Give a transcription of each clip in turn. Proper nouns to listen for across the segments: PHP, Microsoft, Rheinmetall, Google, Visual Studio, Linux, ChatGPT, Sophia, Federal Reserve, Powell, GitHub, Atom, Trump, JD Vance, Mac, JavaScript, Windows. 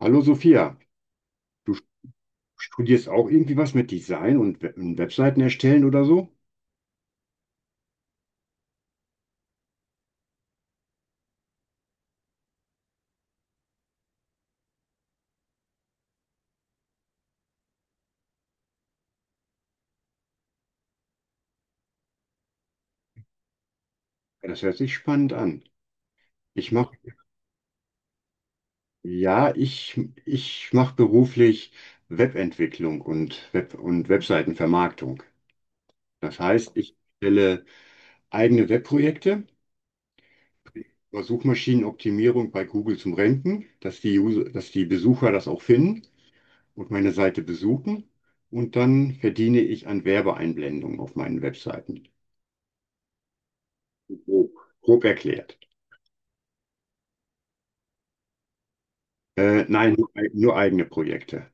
Hallo Sophia, du studierst auch irgendwie was mit Design und und Webseiten erstellen oder so? Ja, das hört sich spannend an. Ich mache, ja, ich, ich mache beruflich Webentwicklung und Webseitenvermarktung. Das heißt, ich stelle eigene Webprojekte über Suchmaschinenoptimierung bei Google zum Ranken, dass die Besucher das auch finden und meine Seite besuchen. Und dann verdiene ich an Werbeeinblendungen auf meinen Webseiten. Grob, grob erklärt. Nein, nur eigene Projekte.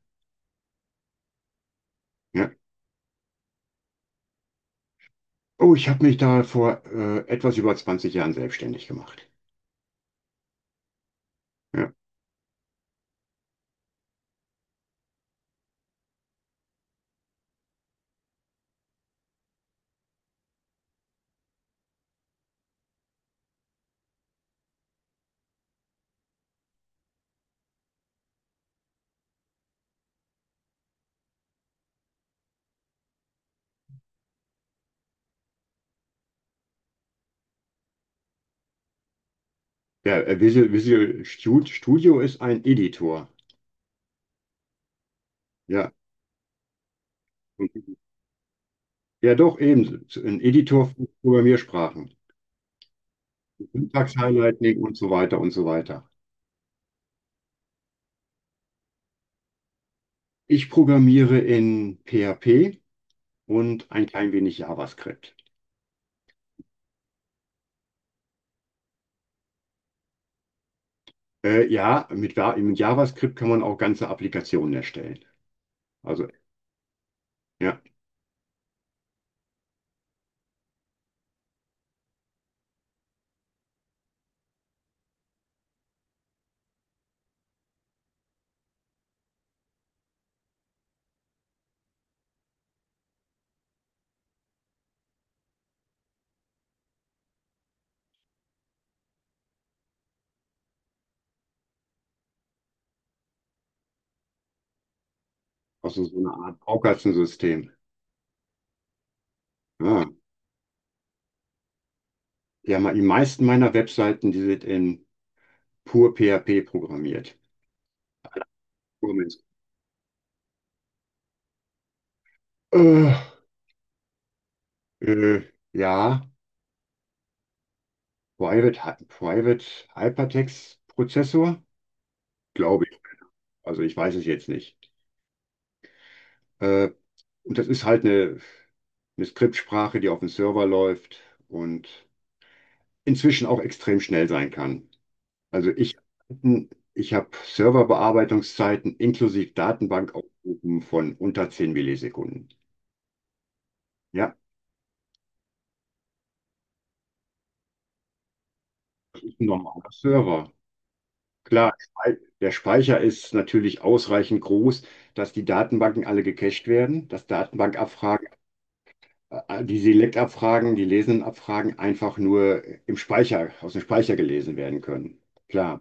Ja. Oh, ich habe mich da vor etwas über 20 Jahren selbstständig gemacht. Ja. Studio ist ein Editor. Ja. Ja, doch, eben. Ein Editor für Programmiersprachen. Syntax-Highlighting und so weiter und so weiter. Ich programmiere in PHP und ein klein wenig JavaScript. Mit JavaScript kann man auch ganze Applikationen erstellen. Also, ja, also so eine Art Baukastensystem. Ah, ja, die meisten meiner Webseiten, die sind in pur PHP programmiert. Pur Mensch. Äh, äh, ja, Private Hypertext Prozessor, glaube ich. Also ich weiß es jetzt nicht. Äh, und das ist eine Skriptsprache, die auf dem Server läuft und inzwischen auch extrem schnell sein kann. Also ich, Ich habe Serverbearbeitungszeiten inklusive Datenbankaufrufen von unter 10 Millisekunden. Ja, das ist ein normaler Server. Klar, der Speicher ist natürlich ausreichend groß, dass die Datenbanken alle gecached werden, dass die Select-Abfragen, die lesenden Abfragen einfach nur aus dem Speicher gelesen werden können. Klar,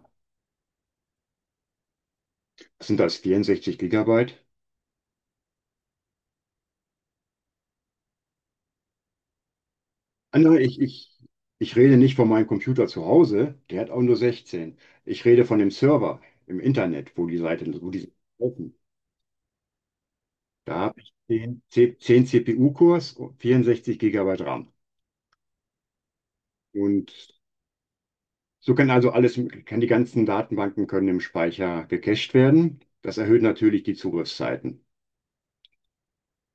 sind das 64 Gigabyte? Ah, nein, ich rede nicht von meinem Computer zu Hause, der hat auch nur 16. Ich rede von dem Server im Internet, wo die laufen. Da habe ich 10 CPU-Cores, 64 Gigabyte RAM. Und so kann kann die ganzen Datenbanken können im Speicher gecached werden. Das erhöht natürlich die Zugriffszeiten.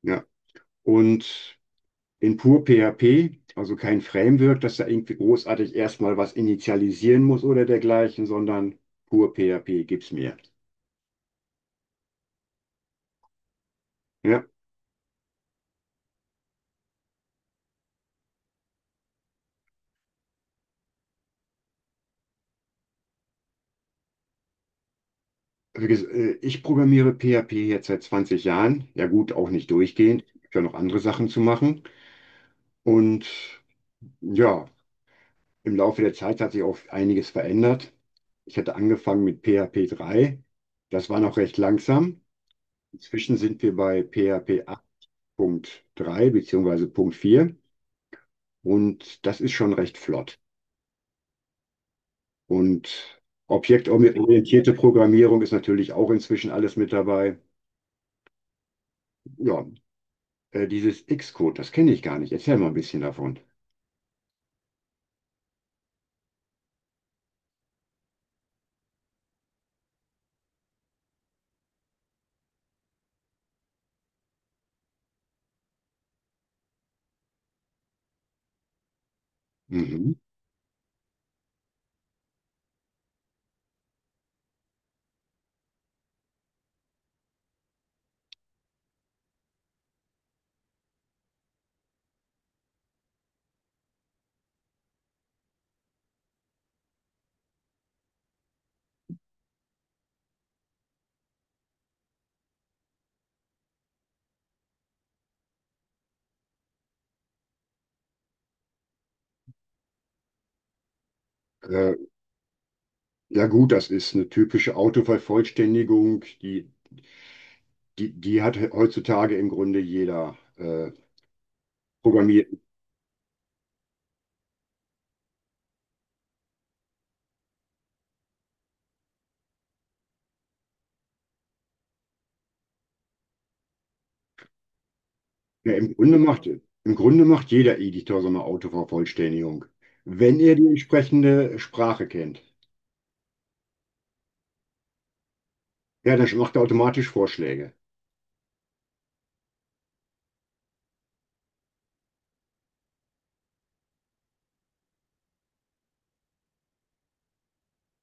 Ja. Und in pur PHP, also kein Framework, dass da irgendwie großartig erstmal was initialisieren muss oder dergleichen, sondern pur PHP gibt's mir. Ja. Ich programmiere PHP jetzt seit 20 Jahren. Ja gut, auch nicht durchgehend. Ich habe ja noch andere Sachen zu machen. Und ja, im Laufe der Zeit hat sich auch einiges verändert. Ich hatte angefangen mit PHP 3. Das war noch recht langsam. Inzwischen sind wir bei PHP 8.3 bzw. Punkt 4 und das ist schon recht flott. Und objektorientierte Programmierung ist natürlich auch inzwischen alles mit dabei. Ja, dieses Xcode, das kenne ich gar nicht. Erzähl mal ein bisschen davon. Mhm. Äh, ja gut, das ist eine typische Autovervollständigung, die die hat heutzutage im Grunde jeder programmiert. Ja, im Grunde macht jeder Editor so eine Autovervollständigung. Wenn er die entsprechende Sprache kennt, ja, dann macht er automatisch Vorschläge.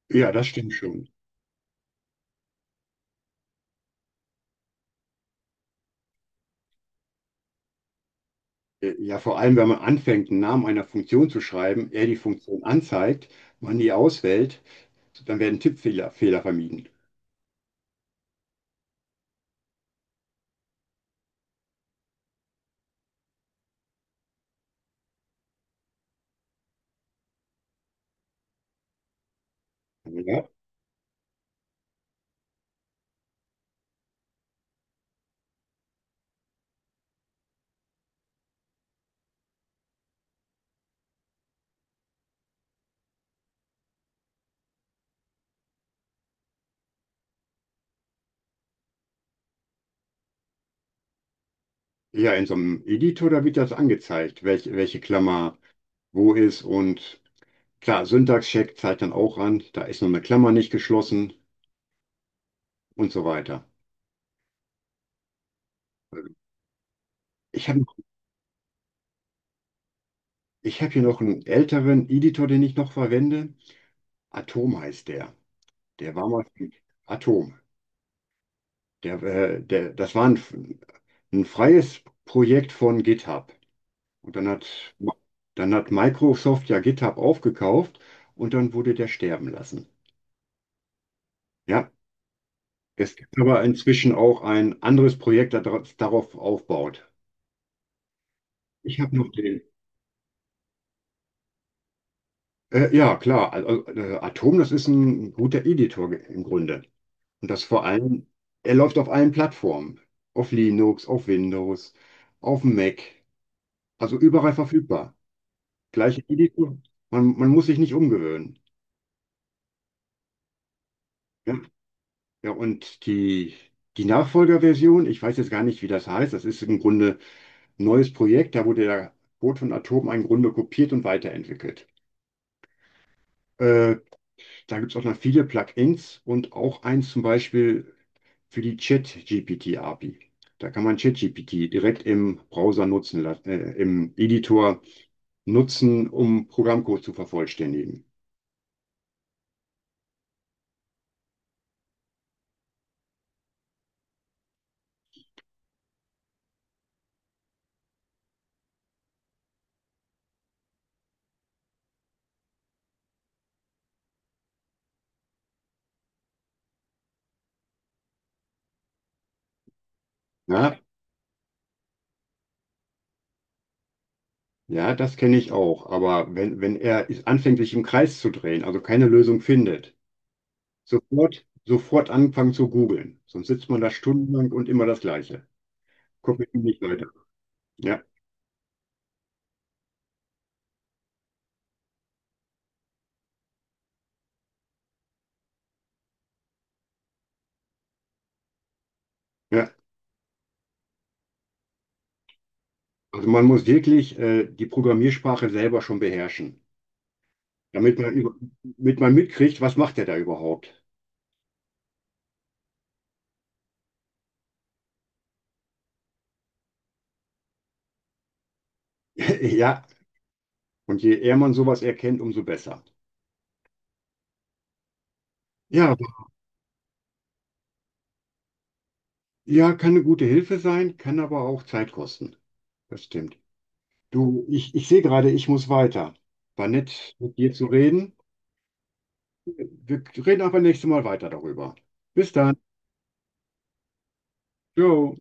Ja, das stimmt schon. Ja, vor allem, wenn man anfängt, einen Namen einer Funktion zu schreiben, er die Funktion anzeigt, man die auswählt, dann werden Tippfehler Fehler vermieden. Ja. Ja, in so einem Editor, da wird das angezeigt, welche Klammer wo ist und klar, Syntax-Check zeigt dann auch an, da ist noch eine Klammer nicht geschlossen und so weiter. Ich habe Ich hab hier noch einen älteren Editor, den ich noch verwende. Atom heißt der. Der war mal Atom. Das war ein freies Projekt von GitHub. Und dann hat, Dann hat Microsoft ja GitHub aufgekauft und dann wurde der sterben lassen. Ja, es gibt aber inzwischen auch ein anderes Projekt, das darauf aufbaut. Ich habe noch den. Ja, klar. Also, Atom, das ist ein guter Editor im Grunde. Und das vor allem, er läuft auf allen Plattformen. Auf Linux, auf Windows, auf dem Mac. Also überall verfügbar. Gleiche Editor. Man muss sich nicht umgewöhnen. Ja, ja und die Nachfolgerversion, ich weiß jetzt gar nicht, wie das heißt. Das ist im Grunde ein neues Projekt. Da wurde der Code von Atom im Grunde kopiert und weiterentwickelt. Äh, Da gibt es auch noch viele Plugins und auch eins zum Beispiel für die Chat-GPT-API. Da kann man ChatGPT direkt im Browser nutzen, im Editor nutzen, um Programmcode zu vervollständigen. Ja, ja, das kenne ich auch. Aber wenn er anfängt, sich im Kreis zu drehen, also keine Lösung findet, sofort anfangen zu googeln. Sonst sitzt man da stundenlang und immer das Gleiche. Kommt mit ihm nicht weiter. Ja, ja. Also man muss wirklich die Programmiersprache selber schon beherrschen, damit man, über, damit man mitkriegt, was macht er da überhaupt. Ja, und je eher man sowas erkennt, umso besser. Ja, ja, kann eine gute Hilfe sein, kann aber auch Zeit kosten. Das stimmt. Du, ich sehe gerade, ich muss weiter. War nett, mit dir zu reden. Wir reden aber nächstes Mal weiter darüber. Bis dann. Ciao.